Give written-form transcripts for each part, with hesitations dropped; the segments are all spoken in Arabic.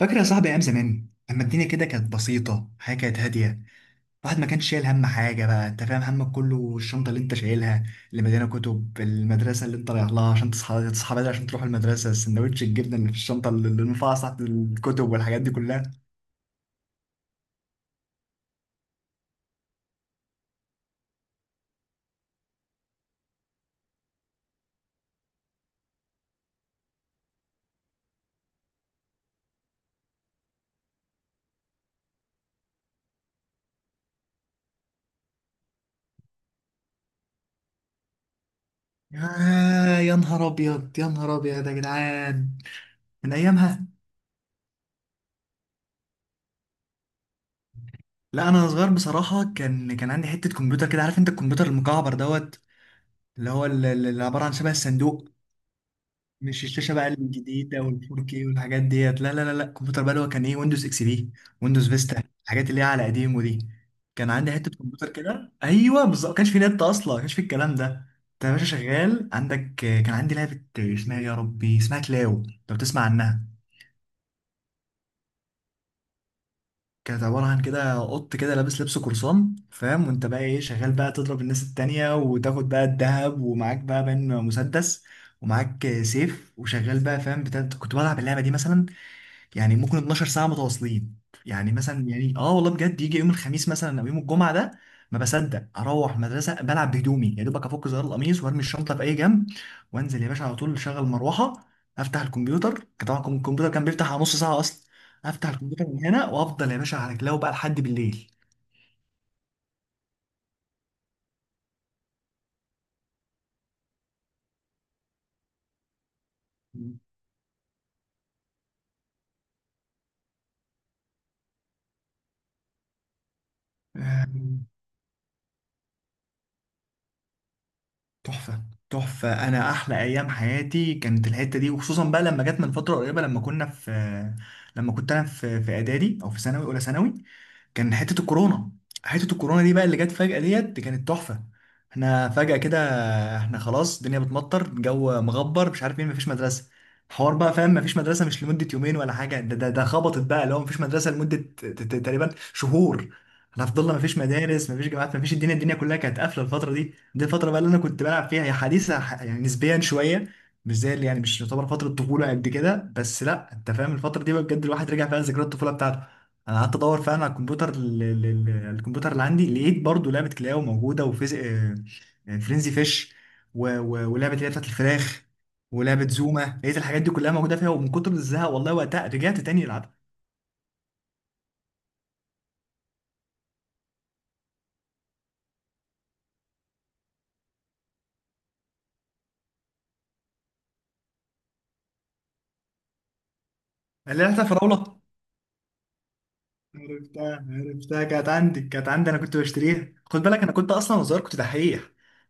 فاكر يا صاحبي ايام زمان لما الدنيا كده كانت بسيطه، حياه كانت هاديه. الواحد ما كانش شايل هم حاجه، بقى انت فاهم، همك كله الشنطه اللي انت شايلها، اللي مليانه كتب المدرسه اللي انت رايح لها عشان تصحى بدري عشان تروح المدرسه، سندوتش الجبنه اللي في الشنطه اللي رفعها تحت الكتب والحاجات دي كلها. آه يا نهار ابيض، يا نهار ابيض يا جدعان، من ايامها. لا انا صغير بصراحه، كان عندي حته كمبيوتر كده، عارف انت الكمبيوتر المكعبر دوت، اللي هو اللي عباره عن شبه الصندوق، مش الشاشه بقى الجديده وال4 كي والحاجات ديت، لا لا لا لا، الكمبيوتر بقى اللي هو كان ايه، ويندوز اكس بي، ويندوز فيستا، الحاجات اللي هي على قديمه دي. كان عندي حته كمبيوتر كده، ايوه بالظبط، ما كانش في نت اصلا، ما كانش في الكلام ده. انت يا باشا شغال عندك، كان عندي لعبه، اسمها يا ربي، اسمها كلاو، لو تسمع عنها. كانت عباره عن كده قط كده لابس لبس قرصان، فاهم، وانت بقى ايه شغال بقى تضرب الناس التانية وتاخد بقى الذهب، ومعاك بقى بين مسدس، ومعاك سيف، وشغال بقى فاهم بتاع، كنت بلعب اللعبه دي مثلا، يعني ممكن 12 ساعة متواصلين. يعني مثلا، يعني اه والله بجد يجي يوم الخميس مثلا او يوم الجمعة ده، ما بصدق اروح مدرسة، بلعب بهدومي يا دوبك افك زرار القميص وارمي الشنطة في اي جنب، وانزل يا باشا على طول، اشغل مروحة، افتح الكمبيوتر، كان طبعا الكمبيوتر كان بيفتح على نص ساعة اصلا، افتح الكمبيوتر من هنا، وافضل يا باشا على رجلي بقى لحد بالليل. آم، تحفة. تحفة، أنا أحلى أيام حياتي كانت الحتة دي، وخصوصا بقى لما جت من فترة قريبة لما كنا في لما كنت أنا في إعدادي أو في ثانوي، أولى ثانوي. كان حتة الكورونا، حتة الكورونا دي بقى اللي جت فجأة ديت كانت تحفة. احنا فجأة كده، احنا خلاص الدنيا بتمطر، الجو مغبر، مش عارف مين، مفيش مدرسة، حوار بقى فاهم، مفيش مدرسة مش لمدة يومين ولا حاجة، ده خبطت بقى اللي هو مفيش مدرسة لمدة تقريبا شهور. احنا فضلنا مفيش مدارس، مفيش جامعات، مفيش، الدنيا كلها كانت قافلة، الفترة دي الفترة بقى اللي انا كنت بلعب فيها هي حديثة يعني نسبيا شوية. مش زي اللي، يعني مش يعتبر فترة طفولة قد كده، بس لا انت فاهم الفترة دي بقى بجد الواحد رجع فيها ذكريات الطفولة بتاعته. انا قعدت ادور فعلا على الكمبيوتر، الكمبيوتر اللي عندي، لقيت برضو لعبه كلاو موجوده، وفيز فرينزي فيش، ولعبه اللي هي بتاعت الفراخ، ولعبه زوما، لقيت الحاجات دي كلها موجوده فيها، ومن كتر الزهق والله وقتها رجعت تاني العبها. اللي لعبتها فراوله، عرفتها عرفتها، كانت عندي، كانت عندي، انا كنت بشتريها، خد بالك انا كنت اصلا وصغير كنت دحيح،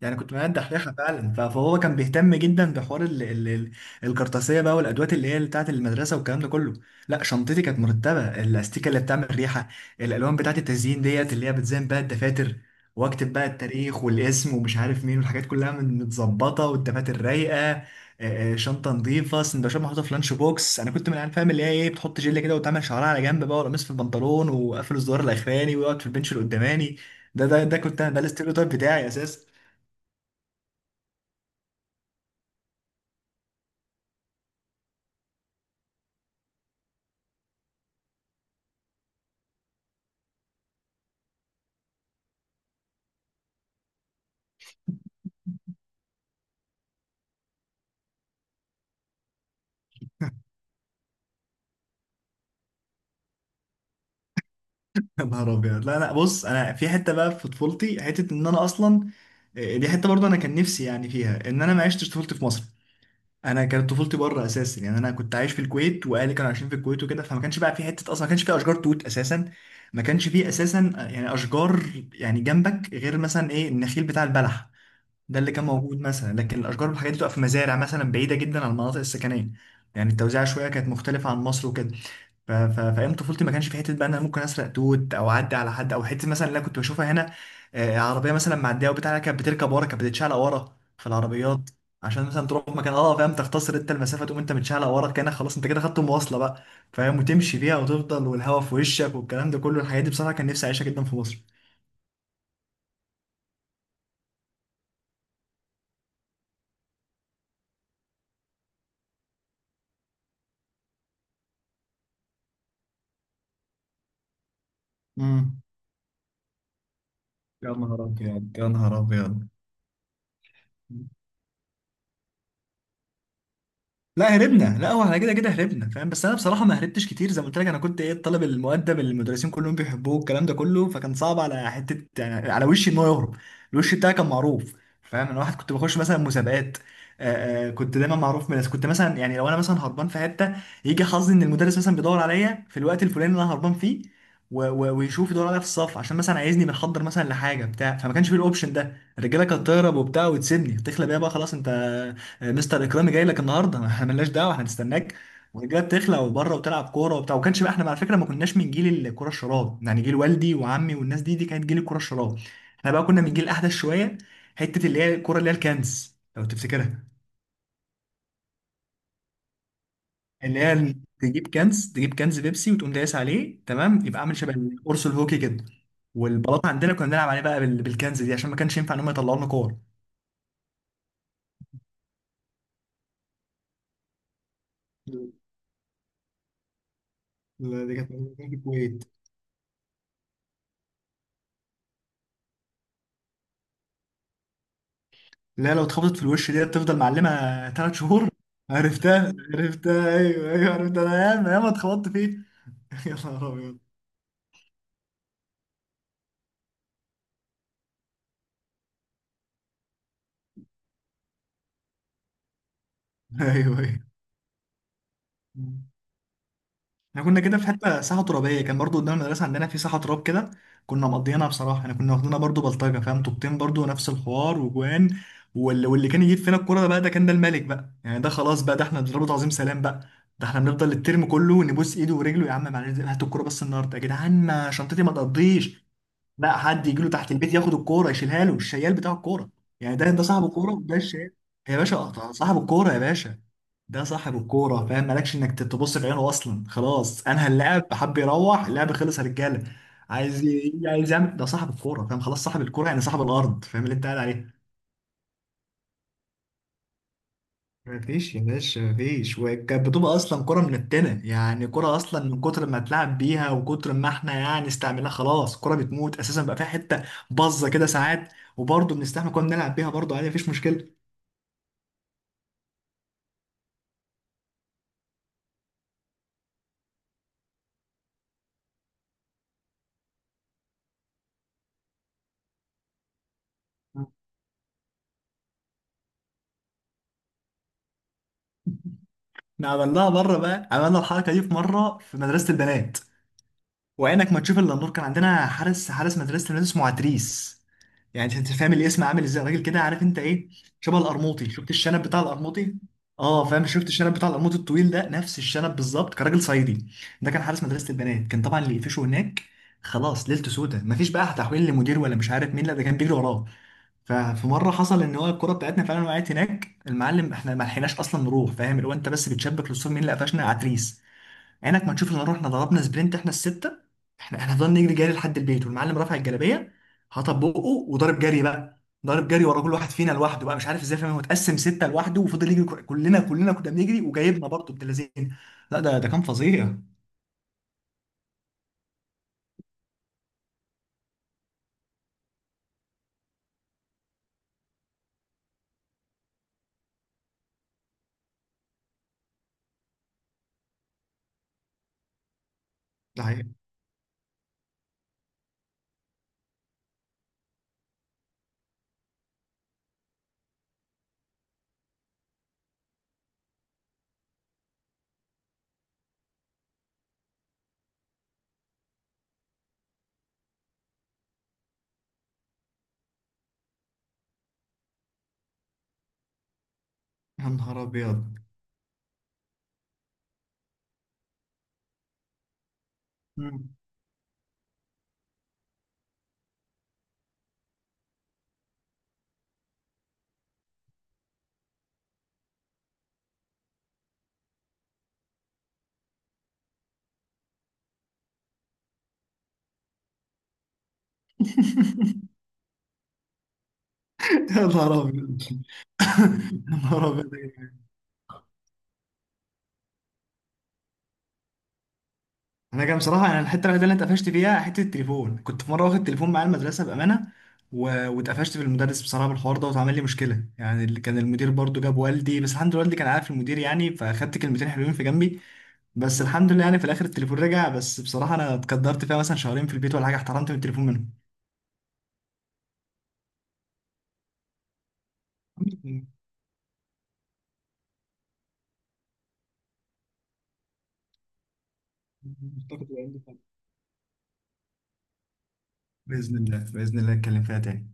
يعني كنت مهندس دحيحه فعلا، فهو كان بيهتم جدا بحوار ال الكرطاسيه بقى والادوات اللي هي بتاعه المدرسه والكلام ده كله. لا شنطتي كانت مرتبه، الاستيكه اللي بتعمل ريحه، الالوان بتاعه التزيين ديت اللي هي بتزين بقى الدفاتر، واكتب بقى التاريخ والاسم ومش عارف مين، والحاجات كلها من متظبطه، والدفاتر رايقه، شنطه نظيفه، سندوتشات محطوطه في لانش بوكس، انا كنت من العيال فاهم اللي هي ايه بتحط جل كده وتعمل شعرها على جنب بقى، ولا مس في البنطلون وقافل الزرار الاخراني ويقعد في البنش اللي قداماني، ده كنت انا، ده الاستيريوتايب بتاعي اساسا. يا نهار ابيض، لا لا بص، انا في حته بقى في طفولتي، حته ان انا اصلا، دي حته برضه انا كان نفسي يعني فيها، ان انا ما عشتش طفولتي في مصر. انا كانت طفولتي بره اساسا، يعني انا كنت عايش في الكويت واهلي كانوا عايشين في الكويت وكده، فما كانش بقى في حته اصلا، ما كانش في اشجار توت اساسا، ما كانش في اساسا، يعني اشجار، يعني جنبك غير مثلا ايه النخيل بتاع البلح، ده اللي كان موجود مثلا، لكن الاشجار والحاجات دي بتبقى في مزارع مثلا بعيده جدا عن المناطق السكنيه، يعني التوزيع شويه كانت مختلفه عن مصر وكده. فايام طفولتي ما كانش في حته بقى ان انا ممكن اسرق توت او اعدي على حد، او حته مثلا اللي انا كنت بشوفها هنا، عربيه مثلا معديه وبتاع، كانت بتركب ورا، كانت بتتشعلق ورا في العربيات، عشان مثلا تروح مكان، اه فاهم، تختصر انت المسافه، تقوم انت متشعلق ورا، كانك خلاص انت كده خدت المواصله بقى، فاهم، وتمشي فيها وتفضل والهوا في وشك والكلام ده كله، الحاجات دي بصراحه كان نفسي اعيشها جدا في مصر. امم. يا نهار ابيض، يا نهار ابيض. لا هربنا، لا هو احنا كده كده هربنا، فاهم، بس انا بصراحه ما هربتش كتير، زي ما قلت لك، انا كنت ايه الطالب المؤدب اللي المدرسين كلهم بيحبوه الكلام ده كله، فكان صعب على حته يعني على وشي ان هو يهرب، الوش بتاعي كان معروف، فاهم، انا واحد كنت بخش مثلا مسابقات، كنت دايما معروف من الناس، كنت مثلا يعني لو انا مثلا هربان في حته، يجي حظي ان المدرس مثلا بيدور عليا في الوقت الفلاني اللي انا هربان فيه، ويشوف يدور عليا في الصف عشان مثلا عايزني بنحضر مثلا لحاجه بتاع، فما كانش في الاوبشن ده، الرجاله كانت تهرب وبتاع وتسيبني، تخلى بيها بقى خلاص انت، مستر اكرامي جاي لك النهارده، ما احنا مالناش دعوه، احنا هنستناك، والرجاله بتخلع وبره وتلعب كوره وبتاع، وما كانش بقى، احنا على فكره ما كناش من جيل الكره الشراب، يعني جيل والدي وعمي والناس دي، دي كانت جيل الكره الشراب. احنا بقى كنا من جيل احدث شويه، حته اللي هي الكره، اللي هي الكنز لو تفتكرها، اللي هي تجيب كنز، تجيب كنز بيبسي وتقوم دايس عليه تمام، يبقى عامل شبه القرص الهوكي كده، والبلاط عندنا كنا بنلعب عليه بقى بالكنز دي، عشان ما كانش ينفع ان هم يطلعوا لنا كور. لا دي كانت موجودة في الكويت، لا لو اتخبطت في الوش دي تفضل معلمة 3 شهور، عرفتها عرفتها، ايوه ايوه عرفتها، انا ياما ياما اتخبطت فيه. يا نهار ابيض، ايوه ايوه، احنا كنا كده في حته ساحه ترابيه، كان برضو قدام المدرسه عندنا في ساحه تراب كده، كنا مقضيينها بصراحه، احنا كنا واخدينها برضو بلطجه، فاهم، طوبتين برضو نفس الحوار وجوان، واللي كان يجيب فينا الكوره ده بقى، ده كان ده الملك بقى، يعني ده خلاص بقى، ده احنا بنضربه تعظيم سلام بقى، ده احنا بنفضل الترم كله نبوس ايده ورجله، يا عم معلش هات الكوره بس النهارده يا جدعان، ما شنطتي ما تقضيش. لا، حد يجي له تحت البيت ياخد الكوره يشيلها له الشيال بتاع الكوره، يعني ده صاحب الكوره وده الشيال، يا باشا أقطع. صاحب الكوره يا باشا، ده صاحب الكوره، فاهم، مالكش انك تبص في عينه اصلا، خلاص انهى اللعب، حب يروح اللعب خلص يا رجاله، عايز يعمل، ده صاحب الكوره، فاهم، خلاص صاحب الكوره يعني صاحب الارض، فاهم اللي انت قاعد عليه. مفيش يا باشا، مفيش، وكانت بتبقى اصلا كرة منتنة، يعني كرة اصلا من كتر ما اتلعب بيها وكتر ما احنا يعني استعملناها، خلاص كرة بتموت اساسا، بقى فيها حتة باظة كده ساعات، وبرضه بنستحمل، كنا بنلعب بيها برضه عادي، مفيش مشكلة. احنا عملناها مرة بقى، عملنا الحركة دي في مرة في مدرسة البنات، وعينك ما تشوف الا النور، كان عندنا حارس، حارس مدرسه الناس اسمه عتريس، يعني انت فاهم الاسم عامل ازاي، راجل كده عارف انت ايه، شبه القرموطي، شفت الشنب بتاع القرموطي، اه فاهم، شفت الشنب بتاع القرموطي الطويل ده، نفس الشنب بالظبط، كان راجل صعيدي، ده كان حارس مدرسه البنات، كان طبعا اللي يقفشه هناك خلاص ليلته سودة، مفيش بقى تحويل لمدير ولا مش عارف مين، لا ده كان بيجري وراه. ففي مره حصل ان هو الكره بتاعتنا فعلا وقعت هناك المعلم، احنا ما لحقناش اصلا نروح، فاهم، اللي هو انت بس بتشبك للصور، مين اللي قفشنا، عتريس، عينك ما تشوف الا رحنا ضربنا سبرنت احنا السته، احنا فضلنا نجري جري لحد البيت والمعلم رافع الجلابيه، هطبقه، وضارب جري بقى، ضارب جري ورا كل واحد فينا لوحده بقى، مش عارف ازاي، فاهم، هو اتقسم سته لوحده وفضل يجري، كلنا كلنا كنا بنجري، وجايبنا برضه ابن لذين. لا ده كان فظيع، ده حقيقي. يا نهار ابيض مم. يا نهار ابيض يا نهار ابيض. انا كان بصراحه، انا الحته الوحيده اللي أنا اتقفشت فيها حته التليفون، كنت في مره واخد تليفون معايا المدرسه بامانه، و... واتقفشت في المدرس بصراحه بالحوار ده، واتعمل لي مشكله، يعني اللي كان المدير برضو جاب والدي، بس الحمد لله والدي كان عارف المدير يعني، فاخدت كلمتين حلوين في جنبي، بس الحمد لله يعني في الاخر التليفون رجع، بس بصراحه انا اتقدرت فيها مثلا شهرين في البيت ولا حاجه احترمت من التليفون منهم. الحمد لله. باذن الله، باذن الله اتكلم فيها تاني.